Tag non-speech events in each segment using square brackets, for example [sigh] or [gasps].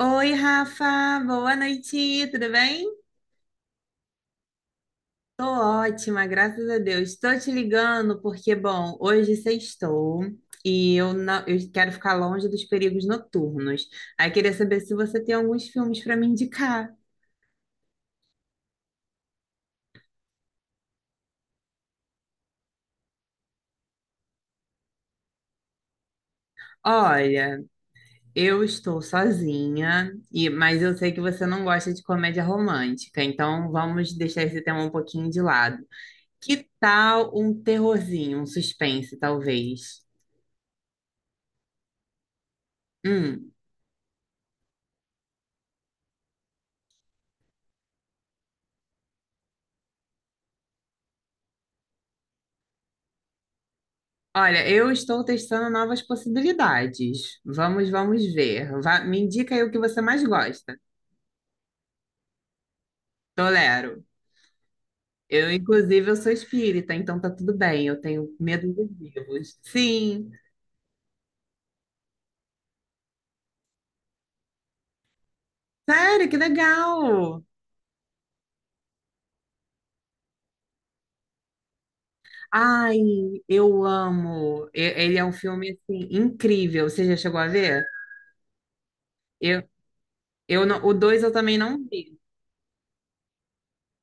Oi, Rafa, boa noite, tudo bem? Tô ótima, graças a Deus. Estou te ligando porque, bom, hoje sextou e eu não, eu quero ficar longe dos perigos noturnos. Aí queria saber se você tem alguns filmes para me indicar. Olha, eu estou sozinha e mas eu sei que você não gosta de comédia romântica, então vamos deixar esse tema um pouquinho de lado. Que tal um terrorzinho, um suspense, talvez? Hum. Olha, eu estou testando novas possibilidades. Vamos ver. Me indica aí o que você mais gosta. Tolero. Eu, inclusive, eu sou espírita, então tá tudo bem. Eu tenho medo dos vivos. Sim. Sério, que legal! Ai, eu amo. Ele é um filme assim incrível. Você já chegou a ver? Eu, eu não- O dois eu também não vi.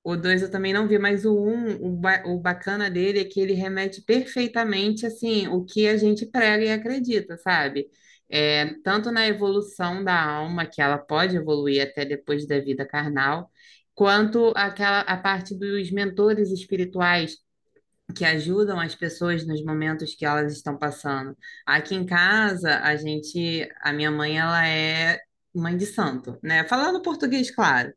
O 2 eu também não vi, mas o um, o, ba- o bacana dele é que ele remete perfeitamente, assim, o que a gente prega e acredita, sabe? É, tanto na evolução da alma, que ela pode evoluir até depois da vida carnal, quanto aquela, a parte dos mentores espirituais que ajudam as pessoas nos momentos que elas estão passando. Aqui em casa, a minha mãe, ela é mãe de santo, né? Falando português, claro.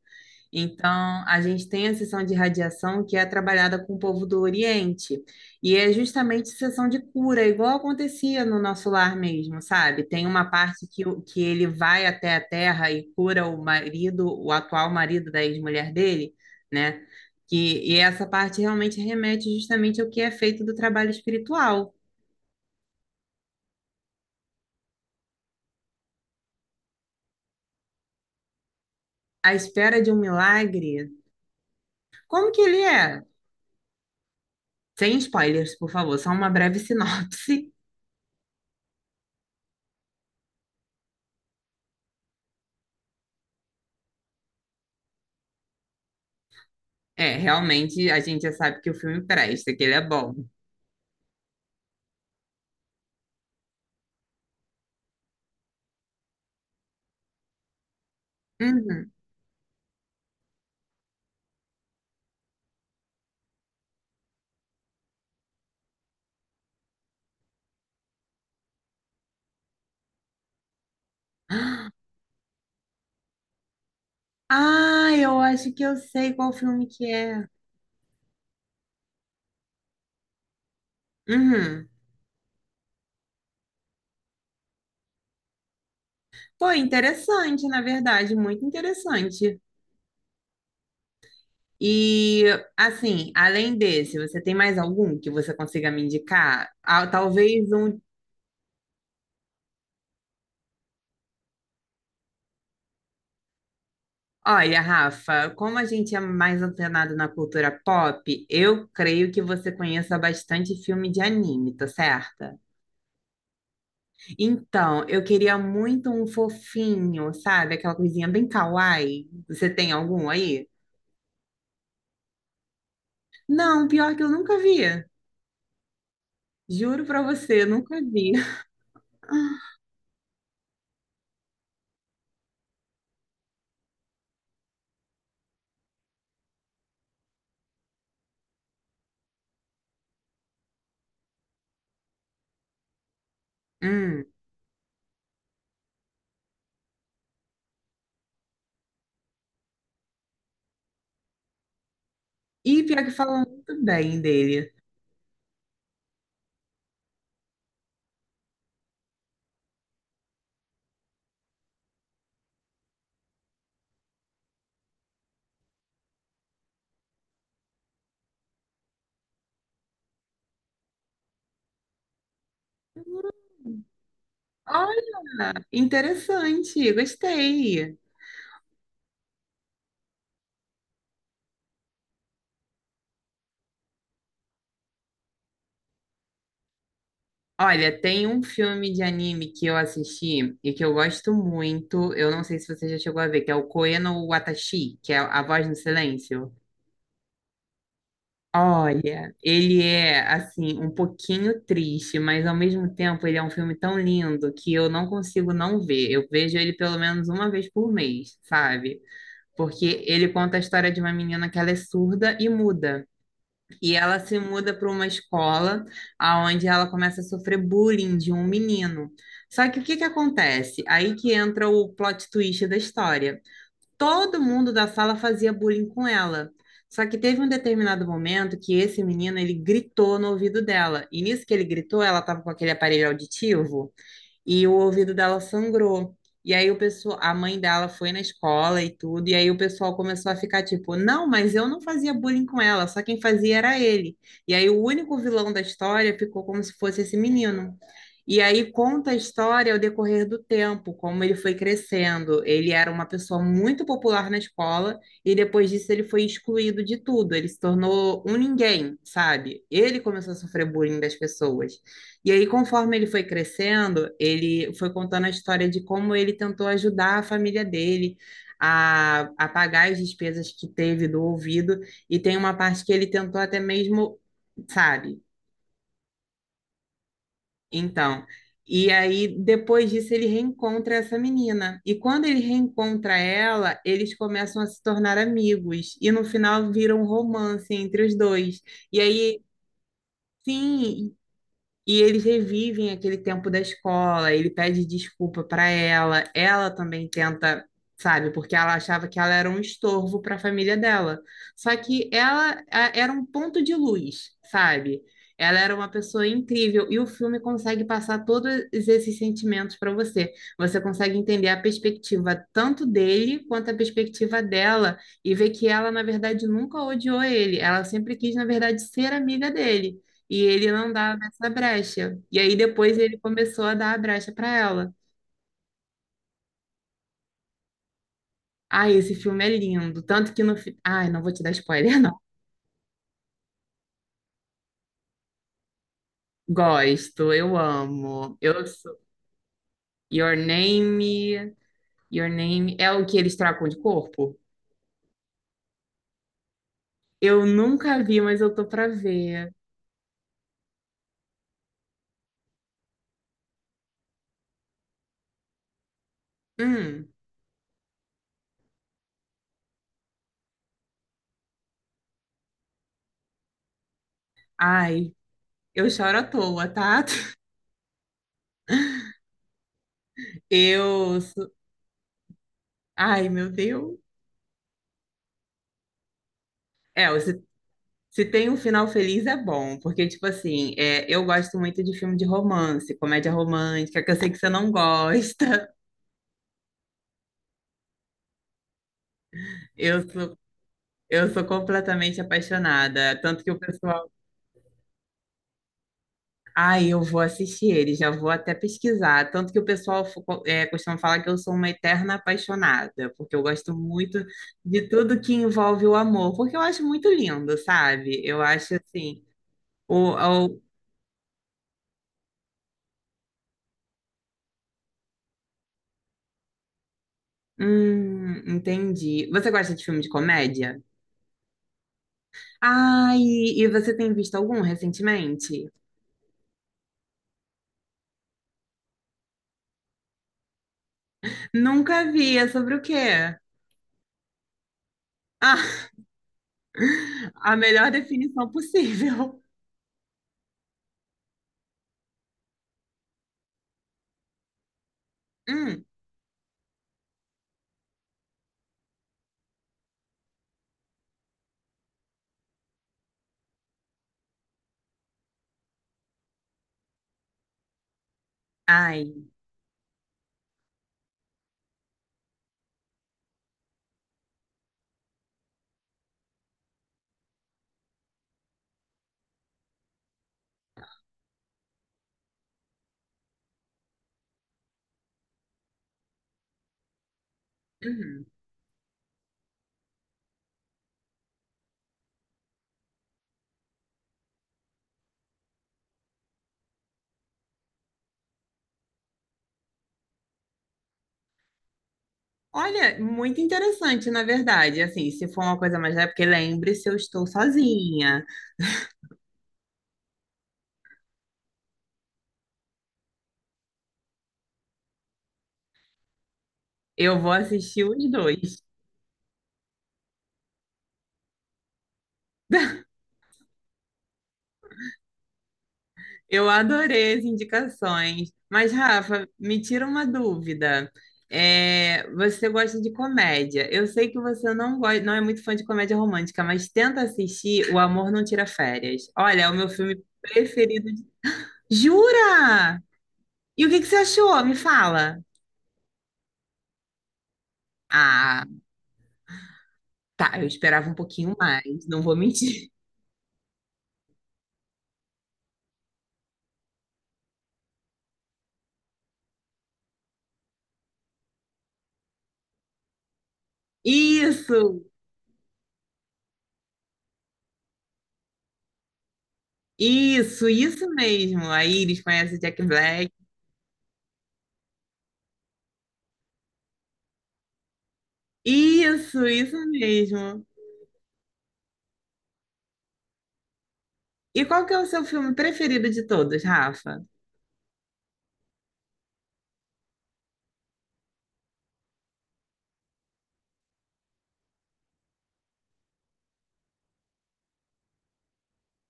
Então, a gente tem a sessão de radiação que é trabalhada com o povo do Oriente. E é justamente sessão de cura, igual acontecia no nosso lar mesmo, sabe? Tem uma parte que, que ele vai até a terra e cura o marido, o atual marido da ex-mulher dele, né? E essa parte realmente remete justamente ao que é feito do trabalho espiritual. A espera de um milagre. Como que ele é? Sem spoilers, por favor, só uma breve [laughs] sinopse. É, realmente a gente já sabe que o filme presta, que ele é bom. Uhum. [gasps] Ah, eu acho que eu sei qual filme que é. Uhum. Pô, interessante, na verdade, muito interessante. E, assim, além desse, você tem mais algum que você consiga me indicar? Ah, talvez um. Olha, Rafa, como a gente é mais antenado na cultura pop, eu creio que você conheça bastante filme de anime, tá certa? Então, eu queria muito um fofinho, sabe? Aquela coisinha bem kawaii. Você tem algum aí? Não, pior que eu nunca vi. Juro pra você, eu nunca vi. [laughs] Hum. E pior que falam muito bem dele. Olha, interessante, gostei. Olha, tem um filme de anime que eu assisti e que eu gosto muito. Eu não sei se você já chegou a ver, que é o Koe no Watashi, que é A Voz no Silêncio. Olha, ele é assim um pouquinho triste, mas ao mesmo tempo ele é um filme tão lindo que eu não consigo não ver. Eu vejo ele pelo menos uma vez por mês, sabe? Porque ele conta a história de uma menina que ela é surda e muda. E ela se muda para uma escola onde ela começa a sofrer bullying de um menino. Só que o que que acontece? Aí que entra o plot twist da história. Todo mundo da sala fazia bullying com ela. Só que teve um determinado momento que esse menino, ele gritou no ouvido dela. E nisso que ele gritou, ela estava com aquele aparelho auditivo e o ouvido dela sangrou. E aí o pessoal, a mãe dela foi na escola e tudo, e aí o pessoal começou a ficar tipo, não, mas eu não fazia bullying com ela, só quem fazia era ele. E aí o único vilão da história ficou como se fosse esse menino. E aí conta a história ao decorrer do tempo, como ele foi crescendo. Ele era uma pessoa muito popular na escola e depois disso ele foi excluído de tudo. Ele se tornou um ninguém, sabe? Ele começou a sofrer bullying das pessoas. E aí, conforme ele foi crescendo, ele foi contando a história de como ele tentou ajudar a família dele a pagar as despesas que teve do ouvido, e tem uma parte que ele tentou até mesmo, sabe? Então, e aí depois disso ele reencontra essa menina. E quando ele reencontra ela, eles começam a se tornar amigos, e no final vira um romance entre os dois. E aí sim, e eles revivem aquele tempo da escola, ele pede desculpa para ela, ela também tenta, sabe, porque ela achava que ela era um estorvo para a família dela. Só que era um ponto de luz, sabe? Ela era uma pessoa incrível e o filme consegue passar todos esses sentimentos para você. Você consegue entender a perspectiva tanto dele quanto a perspectiva dela e ver que ela, na verdade, nunca odiou ele. Ela sempre quis, na verdade, ser amiga dele. E ele não dava essa brecha. E aí depois ele começou a dar a brecha para ela. Ai, esse filme é lindo. Tanto que no. fi- Ai, não vou te dar spoiler, [laughs] não. Gosto, eu amo. Eu sou. Your Name. Your Name. É o que eles trocam de corpo? Eu nunca vi, mas eu tô pra ver. Hum. Ai, eu choro à toa, tá? [laughs] Eu. sou- Ai, meu Deus. É, os se tem um final feliz é bom, porque, tipo assim, é, eu gosto muito de filme de romance, comédia romântica, que eu sei que você não gosta. [laughs] Eu sou, eu sou completamente apaixonada. Tanto que o pessoal. Ai, eu vou assistir ele, já vou até pesquisar. Tanto que o pessoal costuma falar que eu sou uma eterna apaixonada, porque eu gosto muito de tudo que envolve o amor, porque eu acho muito lindo, sabe? Eu acho assim. O, o... entendi. Você gosta de filme de comédia? Ai, e você tem visto algum recentemente? Nunca vi, é sobre o quê? Ah, [laughs] a melhor definição possível. [laughs] Hum, ai. Uhum. Olha, muito interessante, na verdade. Assim, se for uma coisa mais leve, porque lembre-se, eu estou sozinha. Eu vou assistir os dois. Eu adorei as indicações. Mas, Rafa, me tira uma dúvida. É, você gosta de comédia. Eu sei que você não gosta, não é muito fã de comédia romântica, mas tenta assistir O Amor Não Tira Férias. Olha, é o meu filme preferido. Jura? E o que que você achou? Me fala. Ah, tá. Eu esperava um pouquinho mais, não vou mentir. [laughs] Isso, isso mesmo. Aí eles conhecem Jack Black. Isso mesmo. E qual que é o seu filme preferido de todos, Rafa?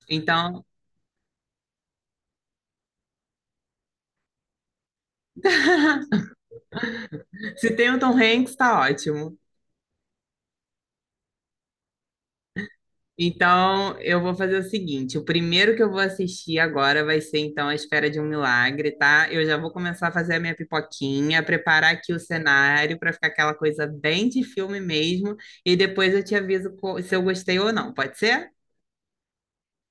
Então, [laughs] se tem o Tom Hanks, tá ótimo. Então, eu vou fazer o seguinte: o primeiro que eu vou assistir agora vai ser, então, A Espera de um Milagre, tá? Eu já vou começar a fazer a minha pipoquinha, preparar aqui o cenário para ficar aquela coisa bem de filme mesmo, e depois eu te aviso se eu gostei ou não, pode ser?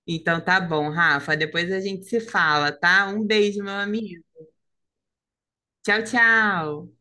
Então, tá bom, Rafa. Depois a gente se fala, tá? Um beijo, meu amigo. Tchau, tchau.